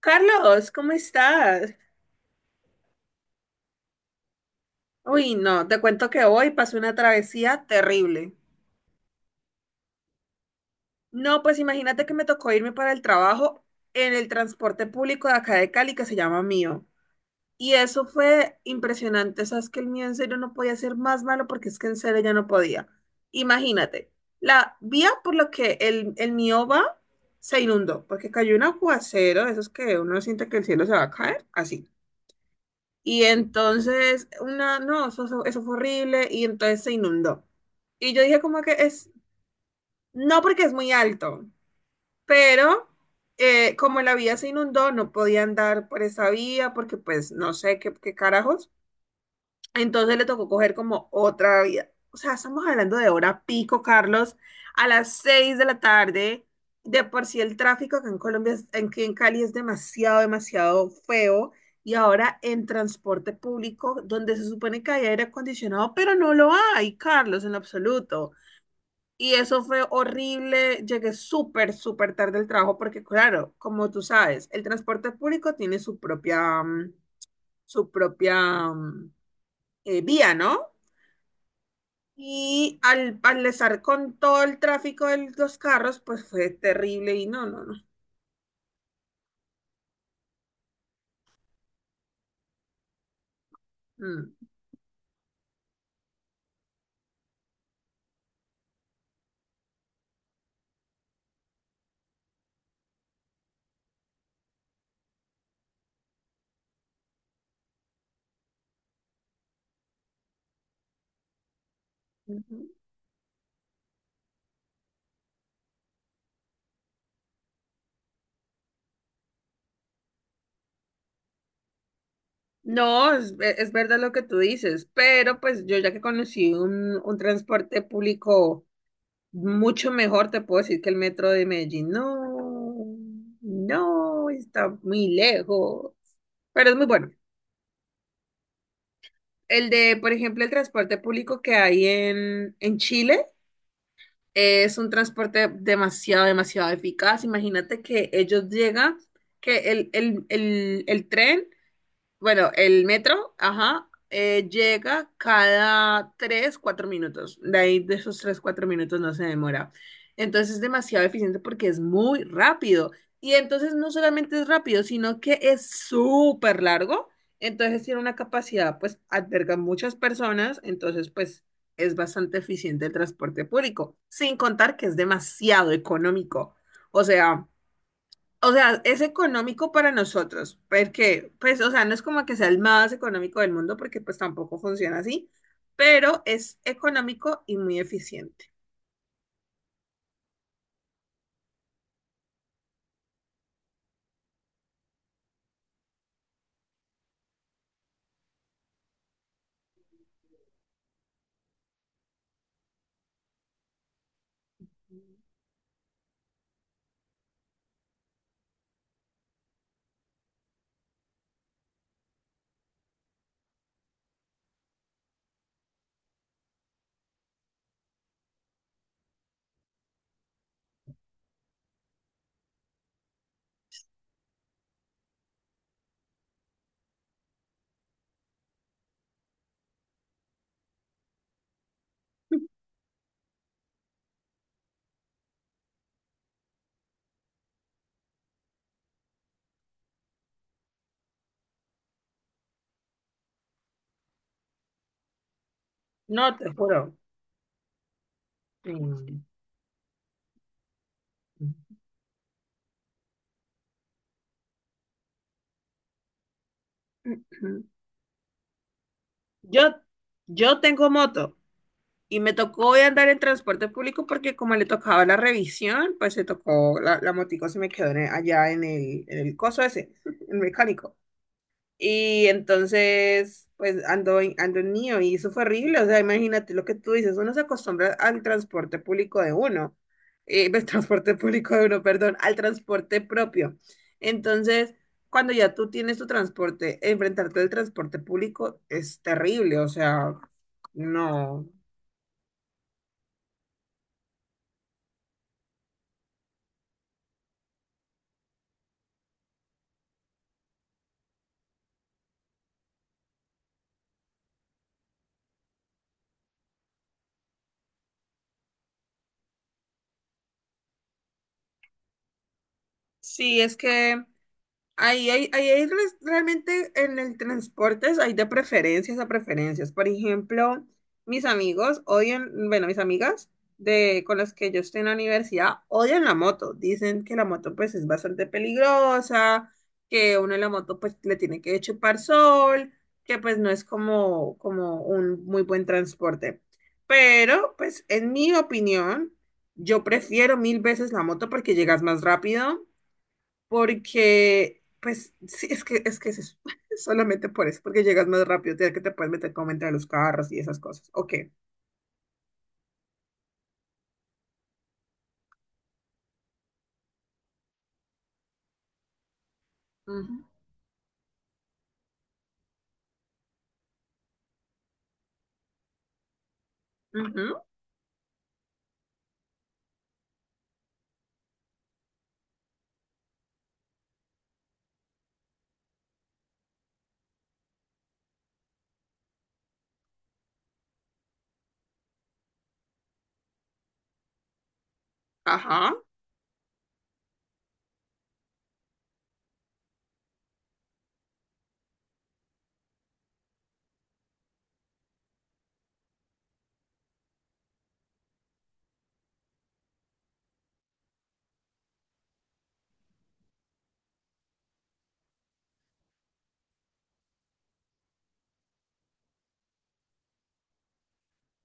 Carlos, ¿cómo estás? Uy, no, te cuento que hoy pasé una travesía terrible. No, pues imagínate que me tocó irme para el trabajo en el transporte público de acá de Cali que se llama Mío. Y eso fue impresionante, sabes que el mío en serio no podía ser más malo porque es que en serio ya no podía. Imagínate, la vía por la que el mío va se inundó porque cayó un aguacero, de esos que uno siente que el cielo se va a caer, así. Y entonces, una, no, eso fue horrible y entonces se inundó. Y yo dije como que es, no porque es muy alto, pero como la vía se inundó, no podía andar por esa vía porque pues no sé qué carajos. Entonces le tocó coger como otra vida. O sea, estamos hablando de hora pico, Carlos, a las 6 de la tarde. De por sí el tráfico acá en Colombia, aquí en Cali es demasiado, demasiado feo. Y ahora en transporte público, donde se supone que hay aire acondicionado, pero no lo hay, Carlos, en lo absoluto. Y eso fue horrible. Llegué súper, súper tarde al trabajo porque, claro, como tú sabes, el transporte público tiene su propia, vía, ¿no? Y al estar con todo el tráfico de los carros, pues fue terrible y no, no, no. Mm. Ujú. No, es, es verdad lo que tú dices, pero pues yo ya que conocí un transporte público mucho mejor, te puedo decir que el metro de Medellín, no, no, está muy lejos, pero es muy bueno. El de, por ejemplo, el transporte público que hay en Chile. Es un transporte demasiado, demasiado eficaz. Imagínate que ellos llegan, que el tren bueno, el metro, ajá, llega cada 3, 4 minutos. De ahí de esos 3, 4 minutos no se demora. Entonces es demasiado eficiente porque es muy rápido. Y entonces no solamente es rápido, sino que es súper largo. Entonces tiene una capacidad, pues alberga muchas personas. Entonces, pues es bastante eficiente el transporte público. Sin contar que es demasiado económico. O sea. O sea, es económico para nosotros, porque, pues, o sea, no es como que sea el más económico del mundo, porque pues tampoco funciona así, pero es económico y muy eficiente. No, te juro. Mm. Yo, yo tengo moto. Y me tocó andar en transporte público porque como le tocaba la revisión, pues se tocó, la motico se me quedó en allá en el coso ese, el mecánico. Y entonces, pues ando en mío y eso fue horrible. O sea, imagínate lo que tú dices, uno se acostumbra al transporte público de uno, el transporte público de uno, perdón, al transporte propio. Entonces, cuando ya tú tienes tu transporte, enfrentarte al transporte público es terrible, o sea, no. Sí, es que ahí hay realmente en el transporte hay de preferencias a preferencias. Por ejemplo, mis amigos odian, bueno, mis amigas con las que yo estoy en la universidad odian la moto. Dicen que la moto pues es bastante peligrosa, que uno en la moto pues le tiene que chupar sol, que pues no es como un muy buen transporte. Pero pues en mi opinión, yo prefiero mil veces la moto porque llegas más rápido porque, pues, sí, es que es eso. Solamente por eso, porque llegas más rápido, tienes que te puedes meter como entre los carros y esas cosas. Ok. Ujú, ujú, ajá.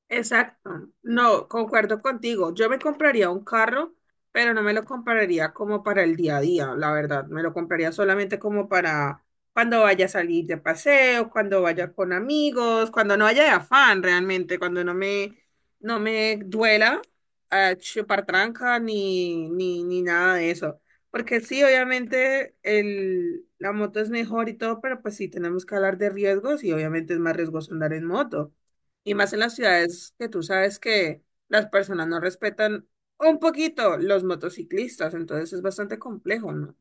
Exacto. No, concuerdo contigo. Yo me compraría un carro, pero no me lo compraría como para el día a día, la verdad. Me lo compraría solamente como para cuando vaya a salir de paseo, cuando vaya con amigos, cuando no haya de afán realmente, cuando no me duela chupar tranca ni nada de eso. Porque sí, obviamente la moto es mejor y todo, pero pues sí tenemos que hablar de riesgos y obviamente es más riesgoso andar en moto. Y más en las ciudades que tú sabes que las personas no respetan un poquito los motociclistas, entonces es bastante complejo, ¿no?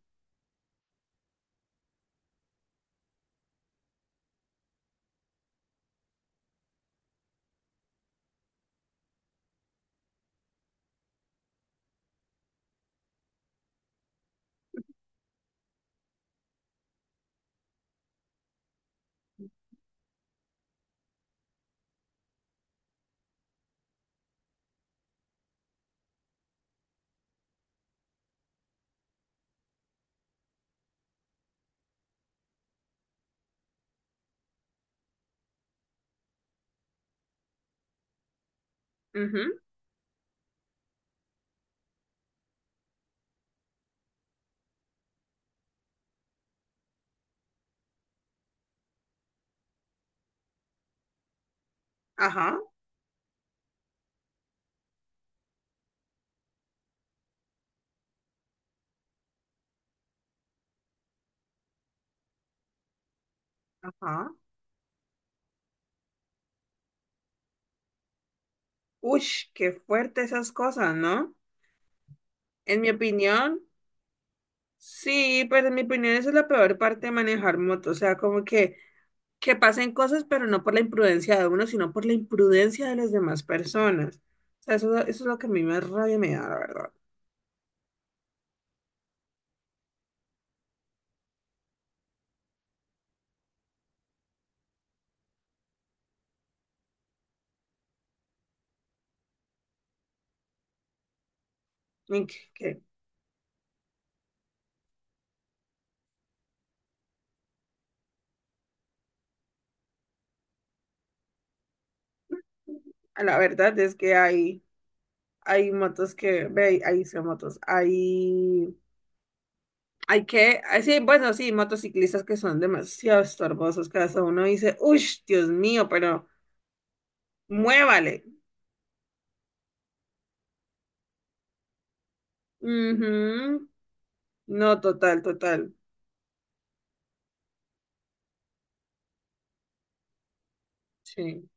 Ujú, ajá, ajá. Ush, qué fuerte esas cosas, ¿no? En mi opinión, sí, pero en mi opinión esa es la peor parte de manejar moto, o sea, como que pasen cosas, pero no por la imprudencia de uno, sino por la imprudencia de las demás personas. O sea, eso es lo que a mí más rabia me da, la verdad. Y que a la verdad es que hay. Hay motos que, ve, ahí son motos. Hay ah, sí, bueno, sí, motociclistas que son demasiado estorbosos. Cada uno dice, uff, Dios mío, pero muévale. Ujú. No, total, total. Sí.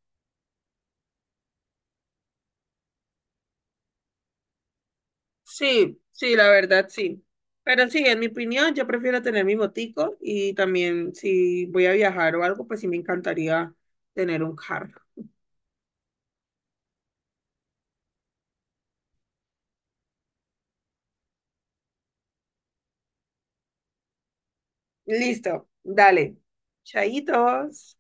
Sí, sí, la verdad, sí. Pero sí, en mi opinión, yo prefiero tener mi motico y también si voy a viajar o algo, pues sí me encantaría tener un carro. Listo, dale. Chaitos.